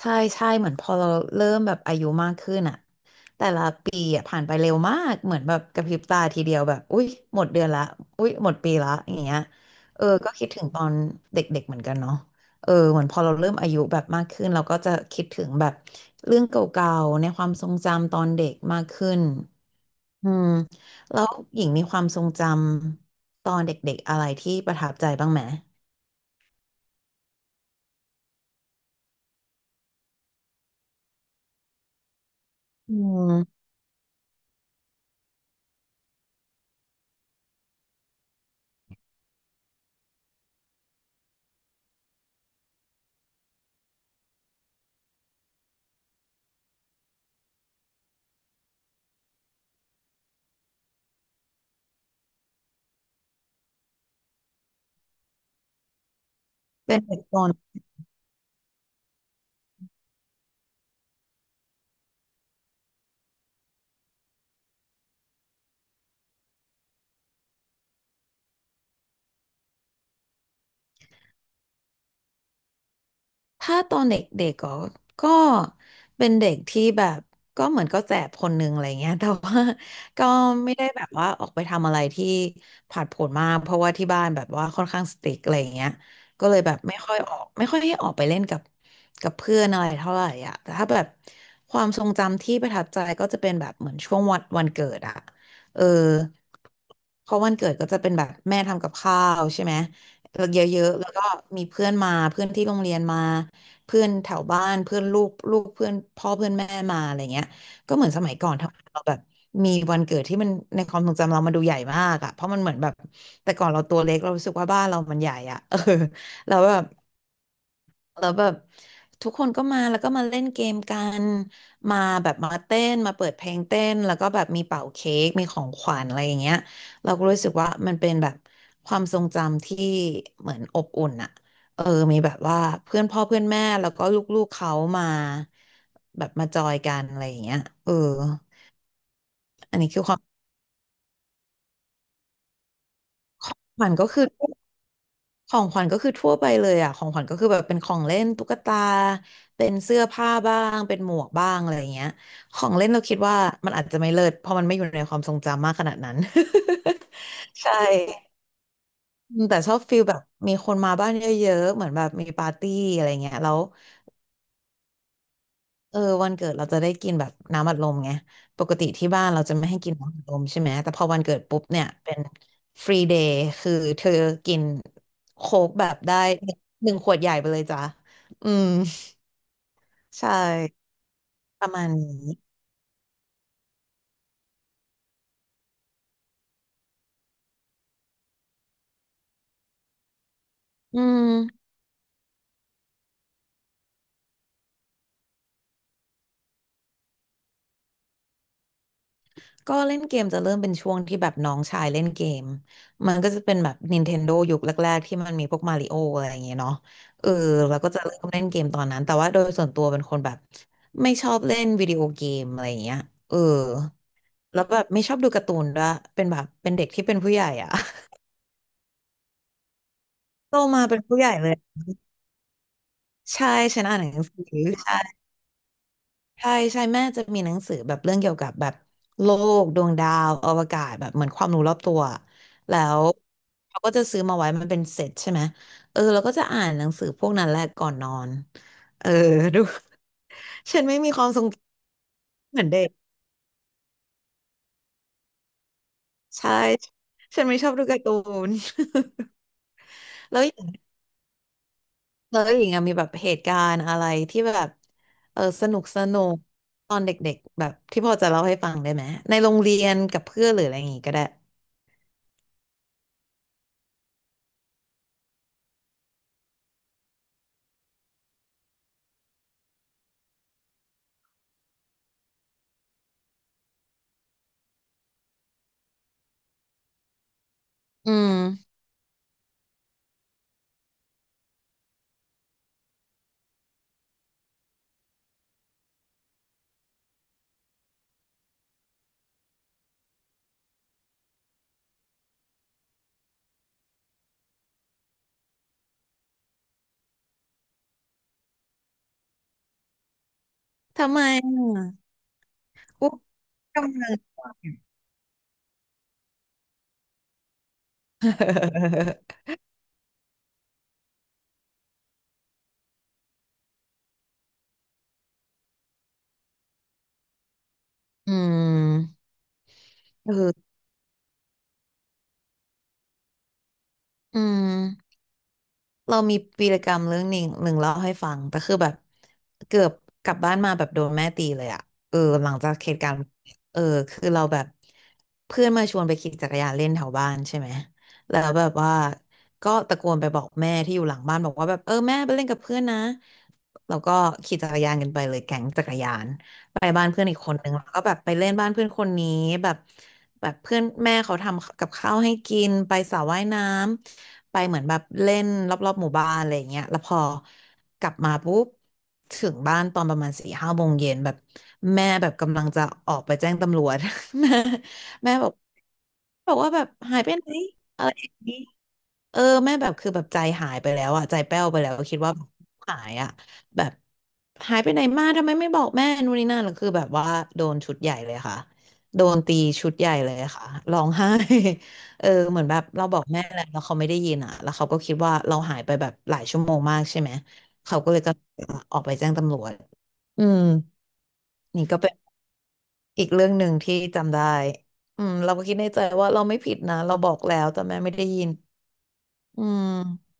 ใช่ใช่เหมือนพอเราเริ่มแบบอายุมากขึ้นอะแต่ละปีอะผ่านไปเร็วมากเหมือนแบบกระพริบตาทีเดียวแบบอุ๊ยหมดเดือนละอุ๊ยหมดปีละอย่างเงี้ยเออก็คิดถึงตอนเด็กๆเหมือนกันเนาะเออเหมือนพอเราเริ่มอายุแบบมากขึ้นเราก็จะคิดถึงแบบเรื่องเก่าๆในความทรงจำตอนเด็กมากขึ้นอืมแล้วหญิงมีความทรงจำตอนเด็กๆอะไรที่ประทับใจบ้างไหมอืมเป็นเด็กตอน ถ้าตอนเด็กๆก็เป็นเด็กที่แบบก็เหมือนก็แสบคนหนึ่งอะไรเงี้ยแต่ว่า ก็ไม่ได้แบบว่าออกไปทำอะไรที่ผาดโผนมากเพราะว่าที่บ้านแบบว่าค่อนข้างสตริกอะไรเงี้ยก็เลยแบบไม่ค่อยออกไม่ค่อยให้ออกไปเล่นกับเพื่อนอะไรเท่าไหร่อ่ะแต่ถ้าแบบความทรงจำที่ประทับใจก็จะเป็นแบบเหมือนช่วงวันวันเกิดอ่ะเออเพราะวันเกิดก็จะเป็นแบบแม่ทำกับข้าวใช่ไหมเยอะๆแล้วก็มีเพื่อนมาเพื่อนที่โรงเรียนมา เพื่อนแถวบ้านเพื่อนลูกลูกเพื่อนพ่อเพื่อนแม่มาอะไรเงี้ยก็เหมือนสมัยก่อนทำเราแบบมีวันเกิดที่มันในความทรงจำเรามันดูใหญ่มากอะเพราะมันเหมือนแบบแต่ก่อนเราตัวเล็กเรารู้สึกว่าบ้านเรามันใหญ่อะ เออแล้วแบบ แล้วแบบทุกคนก็มาแล้วก็มาเล่นเกมกันมาแบบมาเต้นมาเปิดเพลงเต้นแล้วก็แบบมีเป่าเค้กมีของขวัญอะไรอย่างเงี้ยเราก็รู้สึกว่ามันเป็นแบบความทรงจำที่เหมือนอบอุ่นอะเออมีแบบว่าเพื่อนพ่อเพื่อนแม่แล้วก็ลูกๆเขามาแบบมาจอยกันอะไรอย่างเงี้ยเอออันนี้คือความฝันก็คือ ของขวัญก็คือทั่วไปเลยอ่ะของขวัญก็คือแบบเป็นของเล่นตุ๊กตา เป็นเสื้อผ้าบ้าง เป็นหมวกบ้างอะไรอย่างเงี้ยของเล่นเราคิดว่ามันอาจจะไม่เลิศเพราะมันไม่อยู่ในความทรงจำมากขนาดนั้น ใช่แต่ชอบฟีลแบบมีคนมาบ้านเยอะๆ เหมือนแบบมีปาร์ตี้อะไรเงี้ยแล้ว เออวันเกิดเราจะได้กินแบบน้ำอัดลมไงปกติที่บ้านเราจะไม่ให้กินน้ำอัดลมใช่ไหมแต่พอวันเกิดปุ๊บเนี่ยเป็นฟรีเดย์คือเธอกินโค้กแบบได้หนึ่งขวดใหญ่ไปเลยจ้ะอืมใช่ประมาณนี้อืม ก็เล่นเกมจะเริ่มเป็นช่วงที่แบบน้องชายเล่นเกมมันก็จะเป็นแบบ Nintendo ยุคแรกๆที่มันมีพวกมาริโออะไรอย่างเงี้ยเนาะเออแล้วก็จะเริ่มเล่นเกมตอนนั้นแต่ว่าโดยส่วนตัวเป็นคนแบบไม่ชอบเล่นวิดีโอเกมอะไรอย่างเงี้ยเออแล้วแบบไม่ชอบดูการ์ตูนด้วยเป็นแบบเป็นเด็กที่เป็นผู้ใหญ่อะ โตมาเป็นผู้ใหญ่เลยใช่ฉันอ่านหนังสือใช่ ใช่ใช่แม่จะมีหนังสือแบบเรื่องเกี่ยวกับแบบโลกดวงดาวอวกาศแบบเหมือนความรู้รอบตัวแล้วเขาก็จะซื้อมาไว้มันเป็นเซตใช่ไหมเออเราก็จะอ่านหนังสือพวกนั้นแหละก่อนนอนเออดู ฉันไม่มีความทรงจำเหมือนเด็กใช่ฉันไม่ชอบดูการ์ตูน แล้วอย่างแล้วอย่างอะมีแบบเหตุการณ์อะไรที่แบบเออสนุกสนุกตอนเด็กๆแบบที่พอจะเล่าให้ฟังได้ไหมในโรงเรียนกับเพื่อนหรืออะไรอย่างงี้ก็ได้อืมทำไมอะ อุ๊บกำเนิด อืมเออเรามีวีรกรรมเรื่องหนึ่งเล่าให้ฟังแต่คือแบบเกือบกลับบ้านมาแบบโดนแม่ตีเลยอะเออหลังจากเหตุการณ์เออคือเราแบบเพื่อนมาชวนไปขี่จักรยานเล่นแถวบ้านใช่ไหมแล้วแบบว่าก็ตะโกนไปบอกแม่ที่อยู่หลังบ้านบอกว่าแบบเออแม่ไปเล่นกับเพื่อนนะแล้วก็ขี่จักรยานกันไปเลยแก๊งจักรยานไปบ้านเพื่อนอีกคนนึงแล้วก็แบบไปเล่นบ้านเพื่อนคนนี้แบบ แบบเพื่อนแม่เขาทำกับข้าวให้กินไปสระว่ายน้ำไปเหมือนแบบเล่นรอบๆหมู่บ้านอะไรอย่างเงี้ยแล้วพอกลับมาปุ๊บถึงบ้านตอนประมาณสี่ห้าโมงเย็นแบบแม่แบบกำลังจะออกไปแจ้งตำรวจ แม่แม่บอกว่าแบบหายไปไหนอะไรอย่างนี้ เออแม่แบบคือแบบใจหายไปแล้วอ่ะใจแป้วไปแล้วคิดว่าหายอ่ะแบบหายไปไหนมาทำไมไม่บอกแม่นู่นนี่นั่นแล้วคือแบบว่าโดนชุดใหญ่เลยค่ะโดนตีชุดใหญ่เลยค่ะร้องไห้ เออเหมือนแบบเราบอกแม่แล้วเขาไม่ได้ยินอ่ะแล้วเขาก็คิดว่าเราหายไปแบบหลายชั่วโมงมากใช่ไหมเขาก็เลยก็ออกไปแจ้งตำรวจอืมนี่ก็เป็นอีกเรื่องหนึ่งที่จำได้อืมเราก็คิดในใจว่าเราไม่ผิดนะเราบอกแล้วแต่แม่ไม่ได้ยินอืม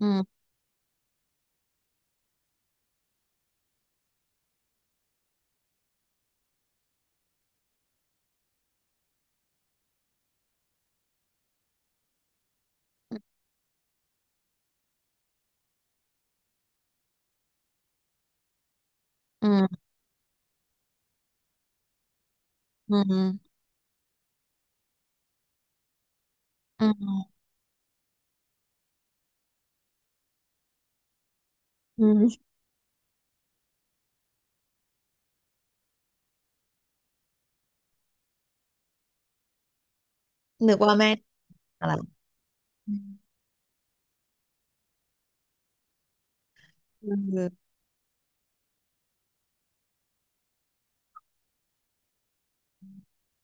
อืม อืมอืมอืมอืมนึกว่าแม่อะไรอืมเออ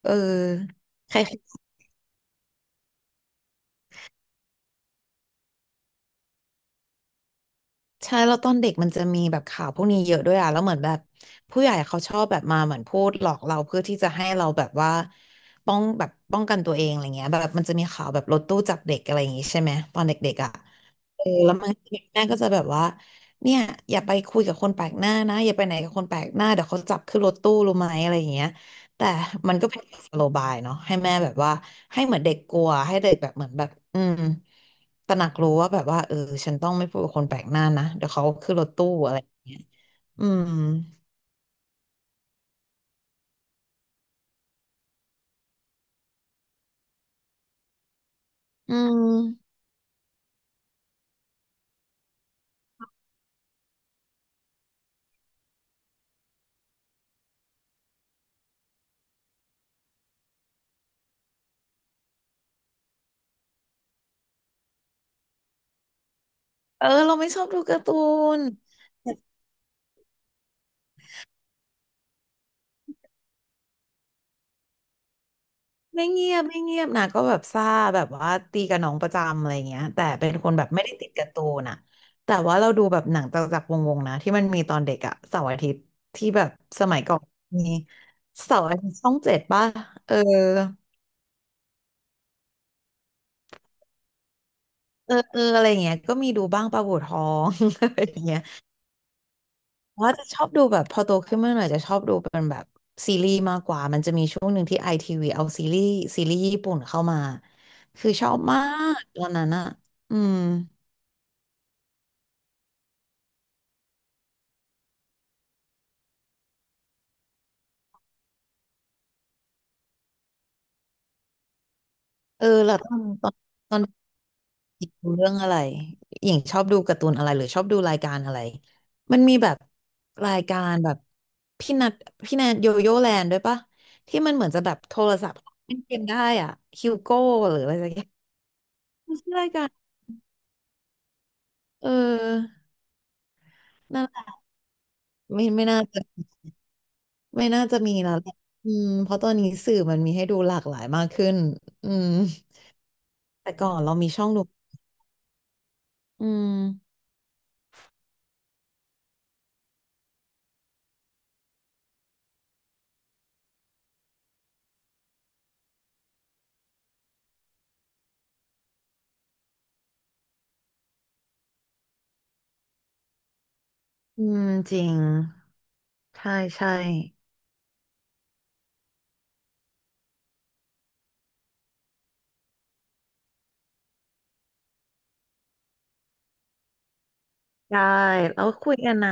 เออใครใช่แล้วตอนเด็กมันจะมีแบบข่าวพวกนี้เยอะด้วยอ่ะแล้วเหมือนแบบผู้ใหญ่เขาชอบแบบมาเหมือนพูดหลอกเราเพื่อที่จะให้เราแบบว่าป้องกันตัวเองอะไรเงี้ยแบบมันจะมีข่าวแบบรถตู้จับเด็กอะไรอย่างงี้ใช่ไหมตอนเด็กๆอ่ะ เออแล้วมันแม่ก็จะแบบว่าเนี่ยอย่าไปคุยกับคนแปลกหน้านะอย่าไปไหนกับคนแปลกหน้าเดี๋ยวเขาจับขึ้นรถตู้รู้ไหมอะไรอย่างเงี้ยแต่มันก็เป็นสโลบายเนาะให้แม่แบบว่าให้เหมือนเด็กกลัวให้เด็กแบบเหมือนแบบอืมตระหนักรู้ว่าแบบว่าเออฉันต้องไม่พูดกับคนแปลกหน้านะเดี๋ยวเขาขึ้นรถตู้อะไรอย่างเงี้ยอืมอืมเออเราไม่ชอบดูการ์ตูน ไม่เงียบไม่เงียบนะก็แบบซ่าแบบว่าตีกับน้องประจำอะไรเงี้ยแต่เป็นคนแบบไม่ได้ติดการ์ตูนอะแต่ว่าเราดูแบบหนังจักรวงศ์ๆนะที่มันมีตอนเด็กอะเสาร์อาทิตย์ที่แบบสมัยก่อนมีเสาร์อาทิตย์ช่องเจ็ดป่ะเออเออเอออะไรเงี้ยก็มีดูบ้างปลาบู่ทอง อะไรอย่างเงี้ยว่าจะชอบดูแบบพอโตขึ้นมาหน่อยจะชอบดูเป็นแบบซีรีส์มากกว่ามันจะมีช่วงหนึ่งที่ไอทีวีเอาซีรีส์ญี่ปุ่นเข้ามาคือชอบมากตอนนั้นอะอืม เออแล้วตอนดูเรื่องอะไรอย่างชอบดูการ์ตูนอะไรหรือชอบดูรายการอะไรมันมีแบบรายการแบบพี่นัทพี่แนทโยโย่แลนด์ด้วยปะที่มันเหมือนจะแบบโทรศัพท์เล่นเกมได้อ่ะฮิวโก้หรืออะไรสักอย่างมันชื่อรายการเออนั่นแหละไม่ไม่น่าจะไม่น่าจะมีแล้วแหละอืมเพราะตอนนี้สื่อมันมีให้ดูหลากหลายมากขึ้นอืมแต่ก่อนเรามีช่องดูอืมอืมจริงใช่ใช่ ได้แล้วคุยกันนะ